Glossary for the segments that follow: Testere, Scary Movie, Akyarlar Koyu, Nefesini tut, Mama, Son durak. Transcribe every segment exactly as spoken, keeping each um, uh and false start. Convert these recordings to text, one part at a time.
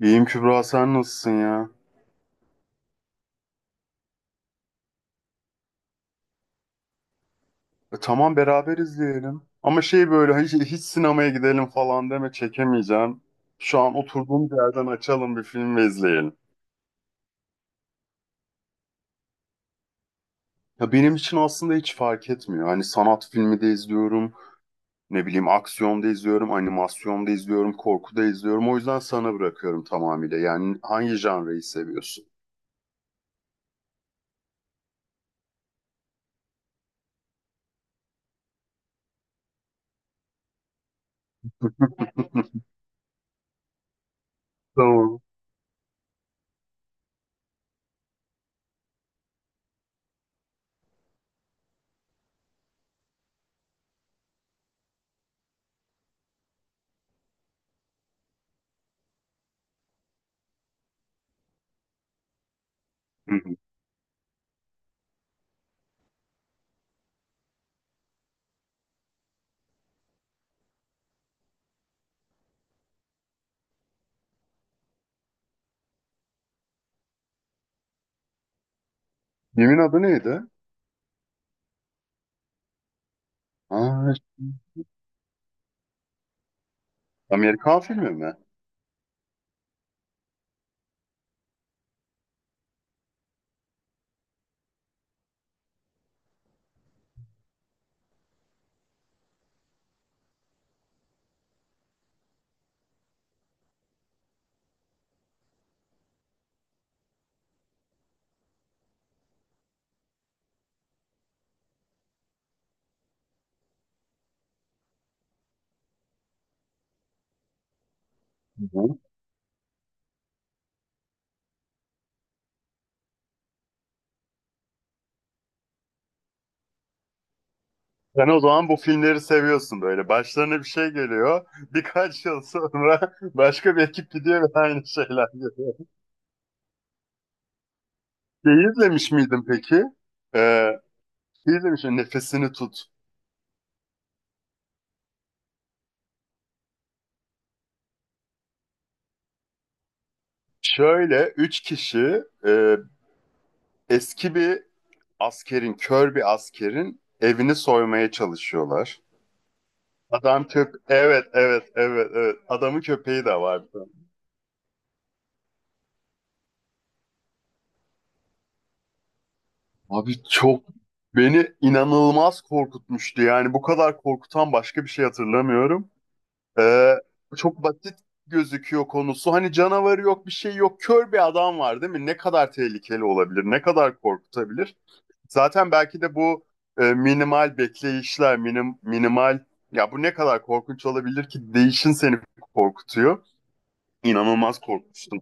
İyiyim Kübra, sen nasılsın ya? E, tamam, beraber izleyelim. Ama şey böyle hiç, hiç sinemaya gidelim falan deme, çekemeyeceğim. Şu an oturduğum yerden açalım bir film ve izleyelim. Ya benim için aslında hiç fark etmiyor. Hani sanat filmi de izliyorum, ne bileyim aksiyon da izliyorum, animasyon da izliyorum, korku da izliyorum. O yüzden sana bırakıyorum tamamıyla. Yani hangi janreyi seviyorsun? Tamam. Hı hı. Filmin adı neydi? Aa, Amerikan filmi mi? Hı hı. Sen o zaman bu filmleri seviyorsun böyle. Başlarına bir şey geliyor. Birkaç yıl sonra başka bir ekip gidiyor ve aynı şeyler geliyor. Şeyi izlemiş miydin peki? Ee, Şey, izlemiş miydin? Nefesini tut. Şöyle üç kişi e, eski bir askerin, kör bir askerin evini soymaya çalışıyorlar. Adam köp... Evet, evet, evet, evet. Adamın köpeği de var. Abi çok, beni inanılmaz korkutmuştu. Yani bu kadar korkutan başka bir şey hatırlamıyorum. Ee, Çok basit gözüküyor konusu. Hani canavarı yok, bir şey yok. Kör bir adam var, değil mi? Ne kadar tehlikeli olabilir? Ne kadar korkutabilir? Zaten belki de bu e, minimal bekleyişler, minim, minimal ya, bu ne kadar korkunç olabilir ki değişin seni korkutuyor. İnanılmaz korkmuştum.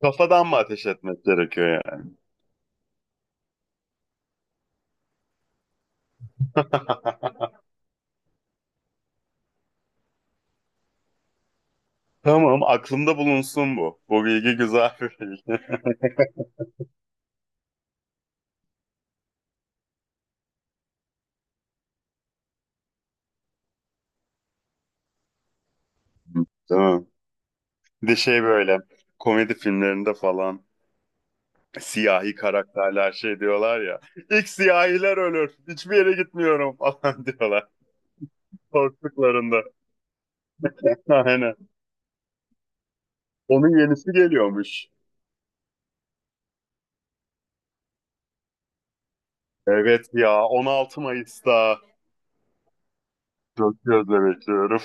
Kafadan mı ateş etmek gerekiyor yani? Tamam, aklımda bulunsun bu. Bu bilgi güzel bir bilgi. Tamam. Bir de şey, böyle komedi filmlerinde falan. Siyahi karakterler şey diyorlar ya. İlk siyahiler ölür. Hiçbir yere gitmiyorum falan, diyorlar. Korktuklarında. Aynen. Onun yenisi geliyormuş. Evet ya, on altı Mayıs'ta. Çok gözle bekliyorum.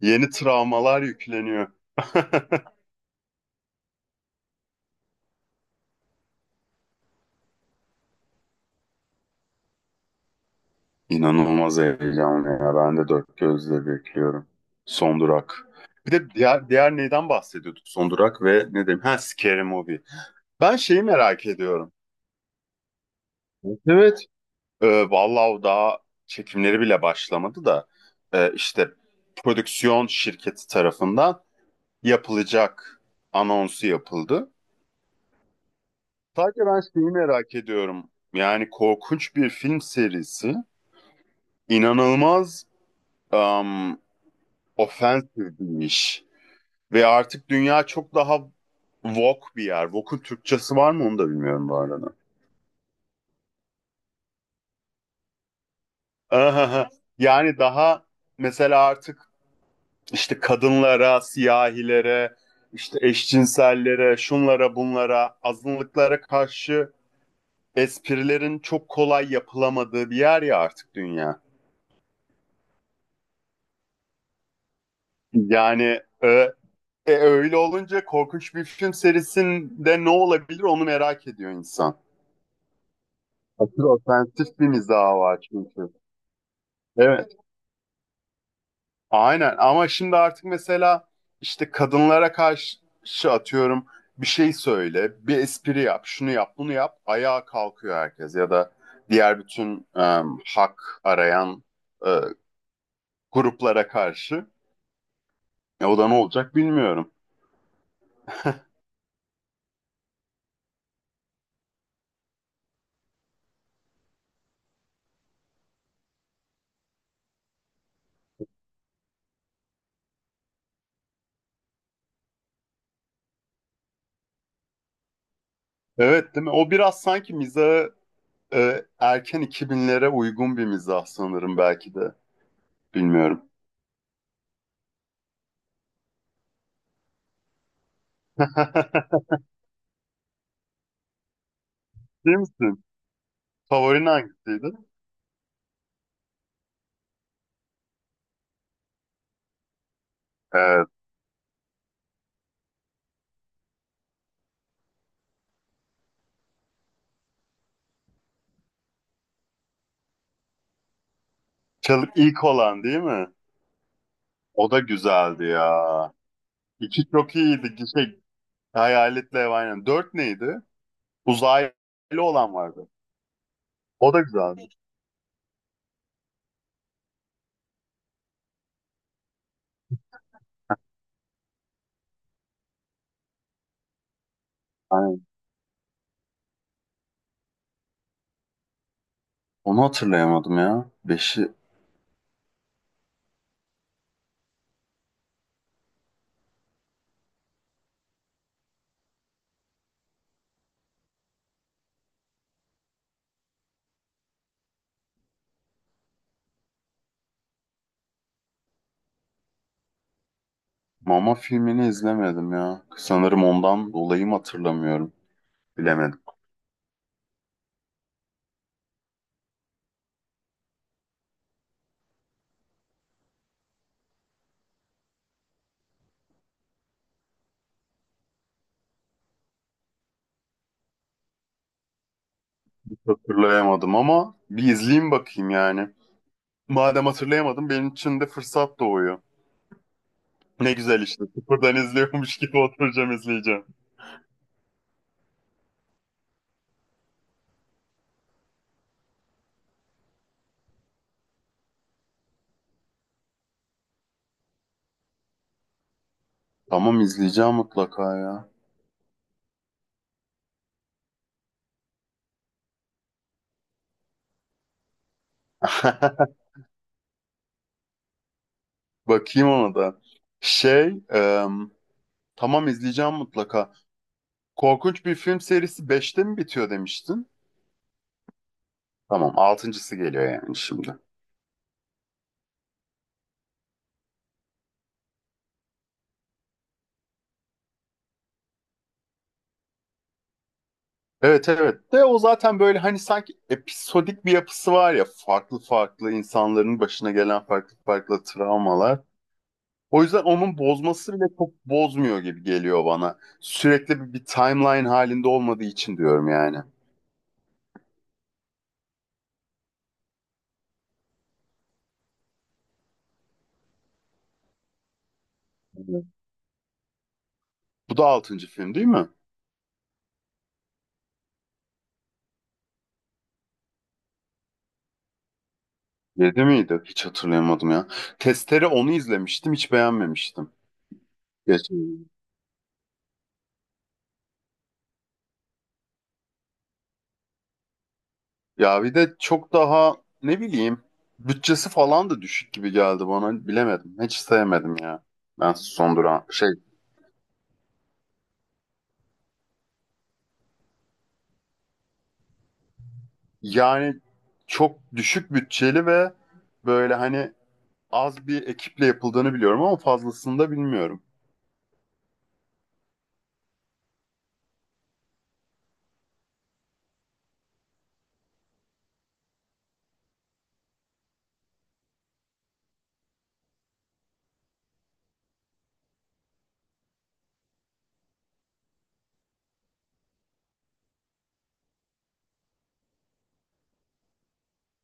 Yeni travmalar yükleniyor. İnanılmaz heyecanlı ya. Ben de dört gözle bekliyorum. Son durak. Bir de diğer, diğer neyden bahsediyorduk? Son durak ve ne diyeyim? Ha, Scary Movie. Ben şeyi merak ediyorum. Evet. Ee, vallahi o daha çekimleri bile başlamadı da e, işte prodüksiyon şirketi tarafından yapılacak anonsu yapıldı. Sadece ben şeyi merak ediyorum. Yani korkunç bir film serisi, inanılmaz um, ofensif bir iş. Ve artık dünya çok daha woke bir yer. Woke'un Türkçesi var mı, onu da bilmiyorum bu arada. Yani daha mesela artık işte kadınlara, siyahilere, işte eşcinsellere, şunlara bunlara, azınlıklara karşı esprilerin çok kolay yapılamadığı bir yer ya artık dünya. Yani e, e, öyle olunca korkunç bir film serisinde ne olabilir, onu merak ediyor insan. Aslında ofensif bir mizahı var çünkü. Evet, aynen. Ama şimdi artık mesela işte kadınlara karşı atıyorum bir şey söyle, bir espri yap, şunu yap, bunu yap, ayağa kalkıyor herkes. Ya da diğer bütün e, hak arayan e, gruplara karşı. E, o da ne olacak bilmiyorum. Evet, değil mi? O biraz sanki mizahı e, erken iki binlere uygun bir mizah, sanırım belki de. Bilmiyorum. Değil misin? Favorin hangisiydi? Evet. Çalık ilk olan değil mi? O da güzeldi ya. İki çok iyiydi. Şey, hayaletle ev, aynen. Dört neydi? Uzaylı olan vardı. O da güzeldi. Aynen. Onu hatırlayamadım ya. Beşi. Mama filmini izlemedim ya. Sanırım ondan dolayı mı hatırlamıyorum. Bilemedim. Hatırlayamadım ama bir izleyeyim bakayım yani. Madem hatırlayamadım, benim için de fırsat doğuyor. Ne güzel işte. Sıfırdan izliyormuş gibi oturacağım izleyeceğim. Tamam, izleyeceğim mutlaka ya. Bakayım ona da. Şey, e, tamam, izleyeceğim mutlaka. Korkunç bir film serisi beşte mi bitiyor demiştin? Tamam, altıncısı geliyor yani şimdi. Evet evet, de o zaten böyle hani sanki episodik bir yapısı var ya, farklı farklı insanların başına gelen farklı farklı travmalar. O yüzden onun bozması bile çok bozmuyor gibi geliyor bana. Sürekli bir, bir timeline halinde olmadığı için diyorum yani. Evet. Bu da altıncı film değil mi? Yedi miydi? Hiç hatırlayamadım ya. Testere, onu izlemiştim, hiç beğenmemiştim. Geç. Ya bir de çok daha ne bileyim bütçesi falan da düşük gibi geldi bana. Bilemedim. Hiç sevmedim ya. Ben son duran şey, yani çok düşük bütçeli ve böyle hani az bir ekiple yapıldığını biliyorum ama fazlasını da bilmiyorum.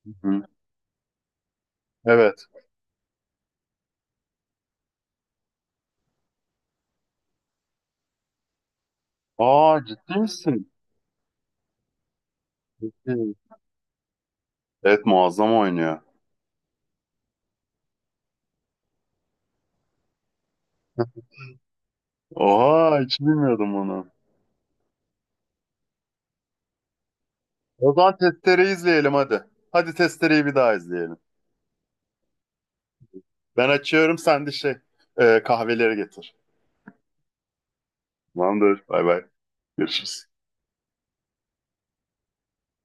Hı. Evet. Aa, ciddi misin? Evet, muazzam oynuyor. Oha, hiç bilmiyordum onu. O zaman testereyi izleyelim hadi. Hadi testereyi bir daha izleyelim. Ben açıyorum, sen de şey e, kahveleri getir. Tamamdır. Bay bay. Görüşürüz.